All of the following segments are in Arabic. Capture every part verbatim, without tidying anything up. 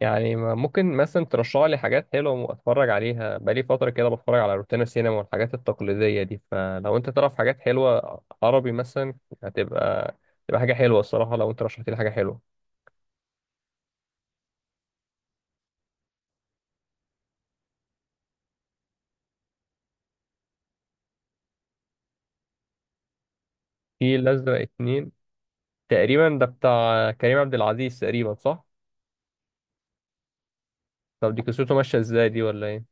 يعني ما- ممكن مثلا ترشح لي حاجات حلوة اتفرج عليها بقالي فترة كده، بتفرج على روتانا سينما والحاجات التقليدية دي. فلو انت تعرف حاجات حلوة عربي مثلا هتبقى تبقى حاجة حلوة الصراحة، لو انت رشحت لي حاجة حلوة. في الأزرق اتنين، تقريبا ده بتاع كريم عبد العزيز تقريبا، صح؟ طب دي قصته ماشية ازاي دي ولا ايه؟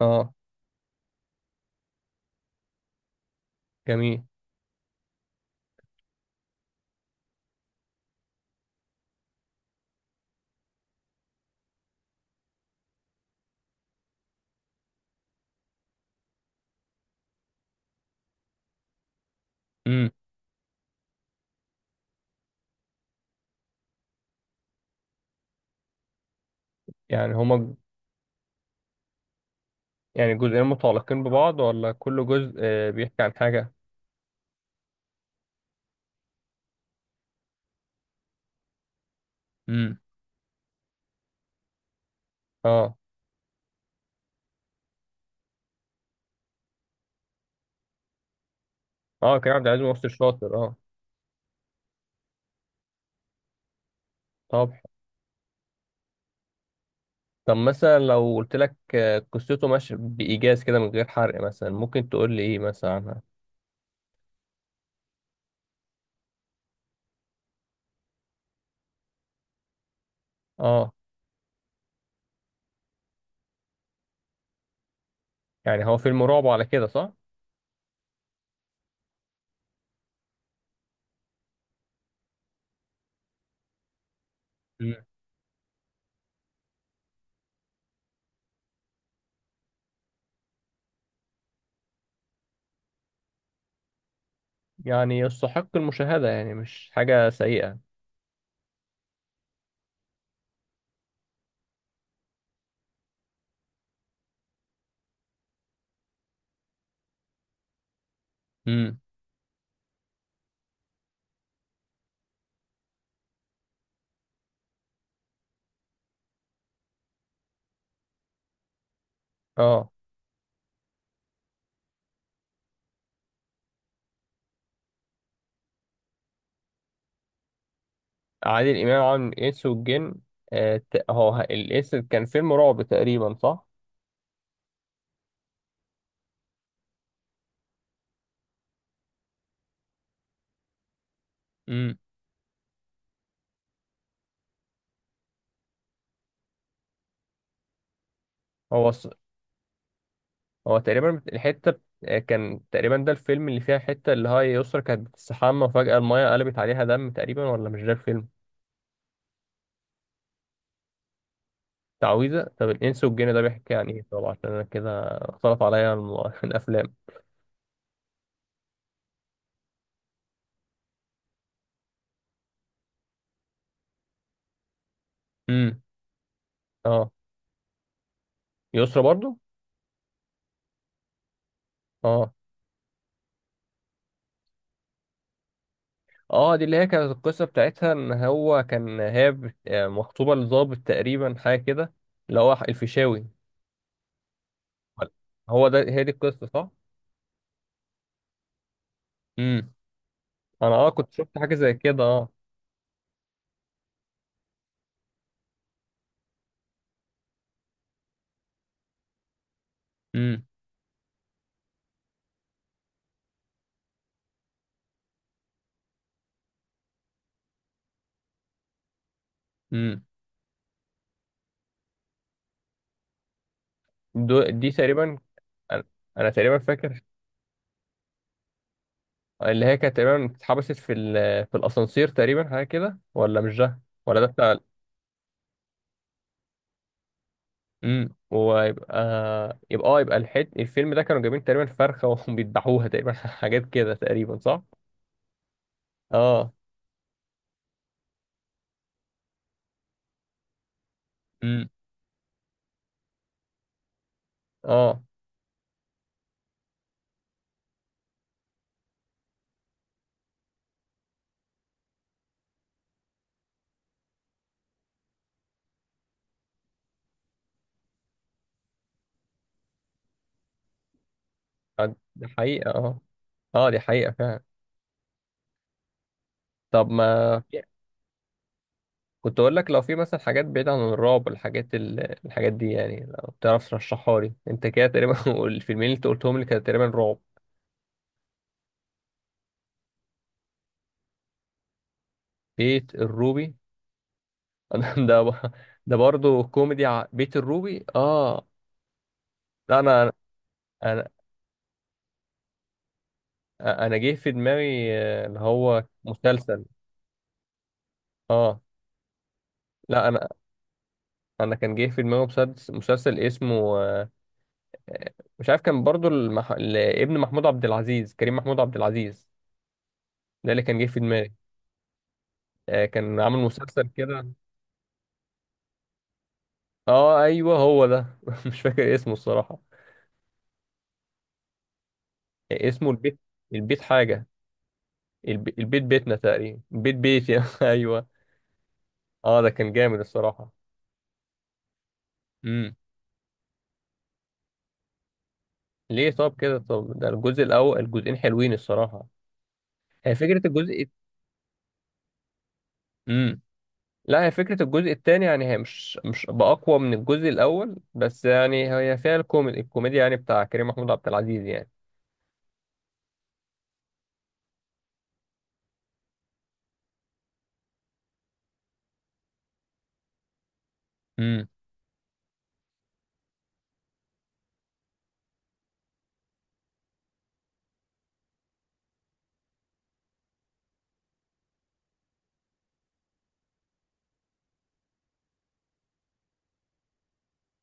اه. جميل. امم. يعني هما يعني جزئين متعلقين ببعض، ولا كل جزء آه، بيحكي عن حاجة؟ امم. اه. اه كريم عبد العزيز ممثل شاطر، اه. طب طب مثلا لو قلت لك آه، قصته ماشية بإيجاز كده من غير حرق، مثلا ممكن تقول لي إيه مثلا عنها. آه. يعني هو فيلم رعب على كده، صح؟ مم. يعني يستحق المشاهدة، يعني مش حاجة سيئة. مم. آه. عادل إمام عامل الإنس والجن. آه ت- هو ه- الإنس كان فيلم رعب تقريبا، صح؟ مم. هو ص- هو تقريبا الحتة بت- آه، كان تقريبا ده الفيلم اللي فيها حتة اللي هي يسرا كانت بتستحمى، وفجأة المية قلبت عليها دم تقريبا، ولا مش ده الفيلم؟ تعويذة. طب الإنس والجن ده بيحكي عن إيه طبعا، عشان أنا كده اختلط عليا الم- الأفلام. امم. اه. يسرا برضو. اه. اه دي اللي هي كانت القصة بتاعتها، إن هو كان هي بت- آه، مخطوبة لظابط تقريبا حاجة كده. اللي هو الفيشاوي. هو ده هي دي القصة، صح؟ امم. أنا اه كنت شفت حاجة زي كده، اه. امم. امم. دو- دي تقريبا. أنا أنا تقريبا فاكر اللي هي كانت تقريبا اتحبست في ال- في الأسانسير تقريبا حاجة كده، ولا مش ده؟ ولا ده. امم. ويبقى يبقى اه يبقى الحت الفيلم ده كانوا جايبين تقريبا فرخه وبيذبحوها تقريبا حاجات كده تقريبا، صح؟ اه. امم. اه. آه، دي حقيقه، اه. اه دي حقيقه فعلا. طب ما في- كنت اقول لك لو في مثلا حاجات بعيده عن الرعب، الحاجات ال- الحاجات دي يعني، لو تعرف ترشحها لي انت كده تقريبا والفيلمين اللي انت قلتهم لي كانوا تقريبا رعب. بيت الروبي. ده ده برضه كوميدي، ع- بيت الروبي اه. لا انا. انا انا جه في دماغي آه، اللي هو مسلسل، اه. لا انا. انا كان جه في دماغي مسلسل, مسلسل اسمه آه، مش عارف، كان برضو المح... ابن محمود عبد العزيز، كريم محمود عبد العزيز، ده اللي كان جه في دماغي. آه، كان عامل مسلسل كده. اه ايوه هو ده مش فاكر اسمه الصراحة. آه، اسمه البيت. البيت حاجة. الب... البيت بيتنا تقريبا، بيت بيت يعني ايوه. اه ده كان جامد الصراحة. امم. ليه؟ طب كده. طب ده الجزء الاول. الجزئين حلوين الصراحة. آه، فكرة الجزء. امم. لا هي فكرة الجزء الثاني يعني، هي مش مش بأقوى من الجزء الأول، بس يعني هي فيها الكوميدي الكوميديا يعني بتاع كريم محمود عبد العزيز يعني. امم.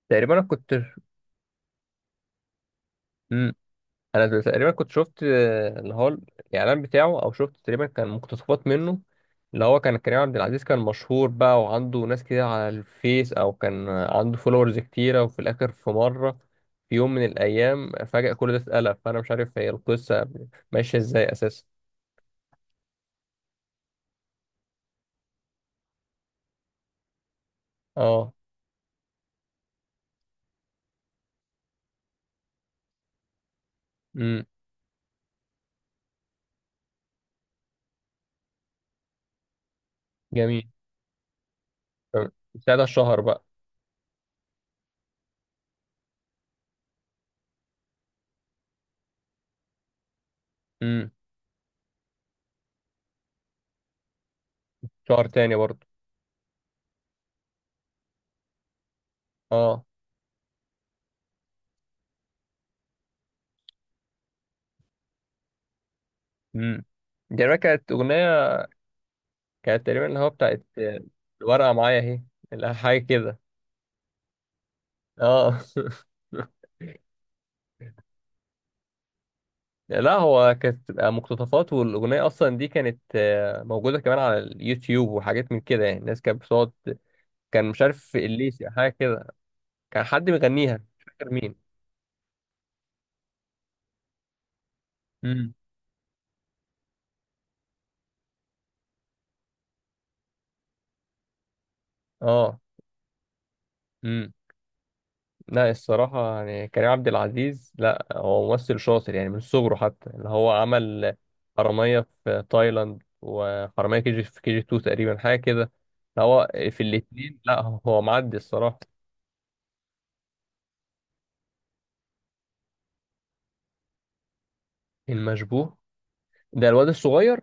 تقريبا أنا كنت امم أنا تقريبا كنت شفت آه، اللي هو الإعلان بتاعه، أو شفت تقريبا كان مقتطفات منه. اللي هو كان كريم عبد العزيز كان مشهور بقى، وعنده ناس كتير على الفيس، أو كان عنده فولورز كتيرة، وفي الآخر في مرة، في يوم من الأيام فجأة كل ده اتقلب. فأنا مش عارف هي القصة ماشية إزاي أساسا. أه. امم. جميل. ساعتها الشهر بقى. امم. شهر تاني برضه. اه. امم. دي بقى كانت اغنيه. كانت تقريبا اللي هو بتاعت آه، الورقه معايا اهي. لا، حاجه كده. اه. لا هو كانت بتبقى مقتطفات، والاغنيه اصلا دي كانت آه، موجوده كمان على اليوتيوب وحاجات من كده يعني. الناس كانت بتقعد، كان مش عارف الليسي أو حاجه كده. كان حد بيغنيها مش فاكر مين. امم. اه. لا الصراحة يعني كريم عبد العزيز، لا هو ممثل شاطر يعني من صغره، حتى اللي هو عمل حرامية في تايلاند وحرامية كي جي في كي جي اتنين تقريبا حاجة كده. لا، هو في الاتنين لا هو معدي الصراحة. المشبوه. ده الواد الصغير.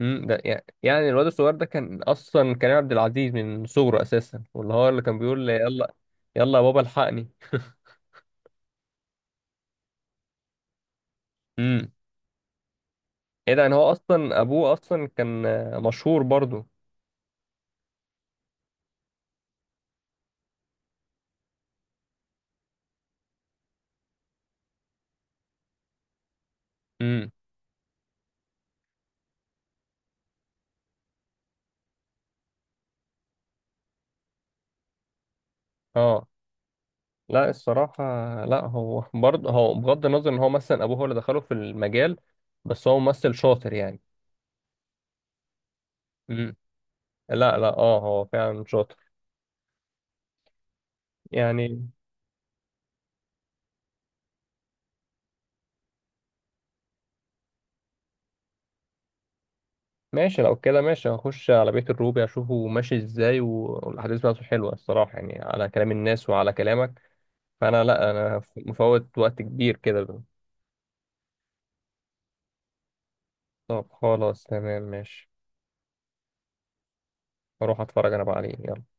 مم، ده يعني يعني الواد الصغير ده كان أصلا كريم عبد العزيز من صغره أساسا، واللي هو اللي كان بيقول يلا يلا يا بابا الحقني. امم. ايه ده، يعني هو أصلا أبوه أصلا كان آه، مشهور برضه. امم. اه. لا الصراحة، لا هو برضه هو بغض النظر ان هو مثلا ابوه هو اللي دخله في المجال، بس هو ممثل شاطر يعني. امم. لا لا اه هو فعلا شاطر يعني. ماشي. لو كده ماشي، هخش على بيت الروبي اشوفه ماشي ازاي، و- والاحداث بتاعته حلوة الصراحة يعني، على كلام الناس وعلى كلامك. فانا لا انا ف- مفوت وقت كبير كده. طب خلاص تمام ماشي. اروح اتفرج انا بقى عليه يلا.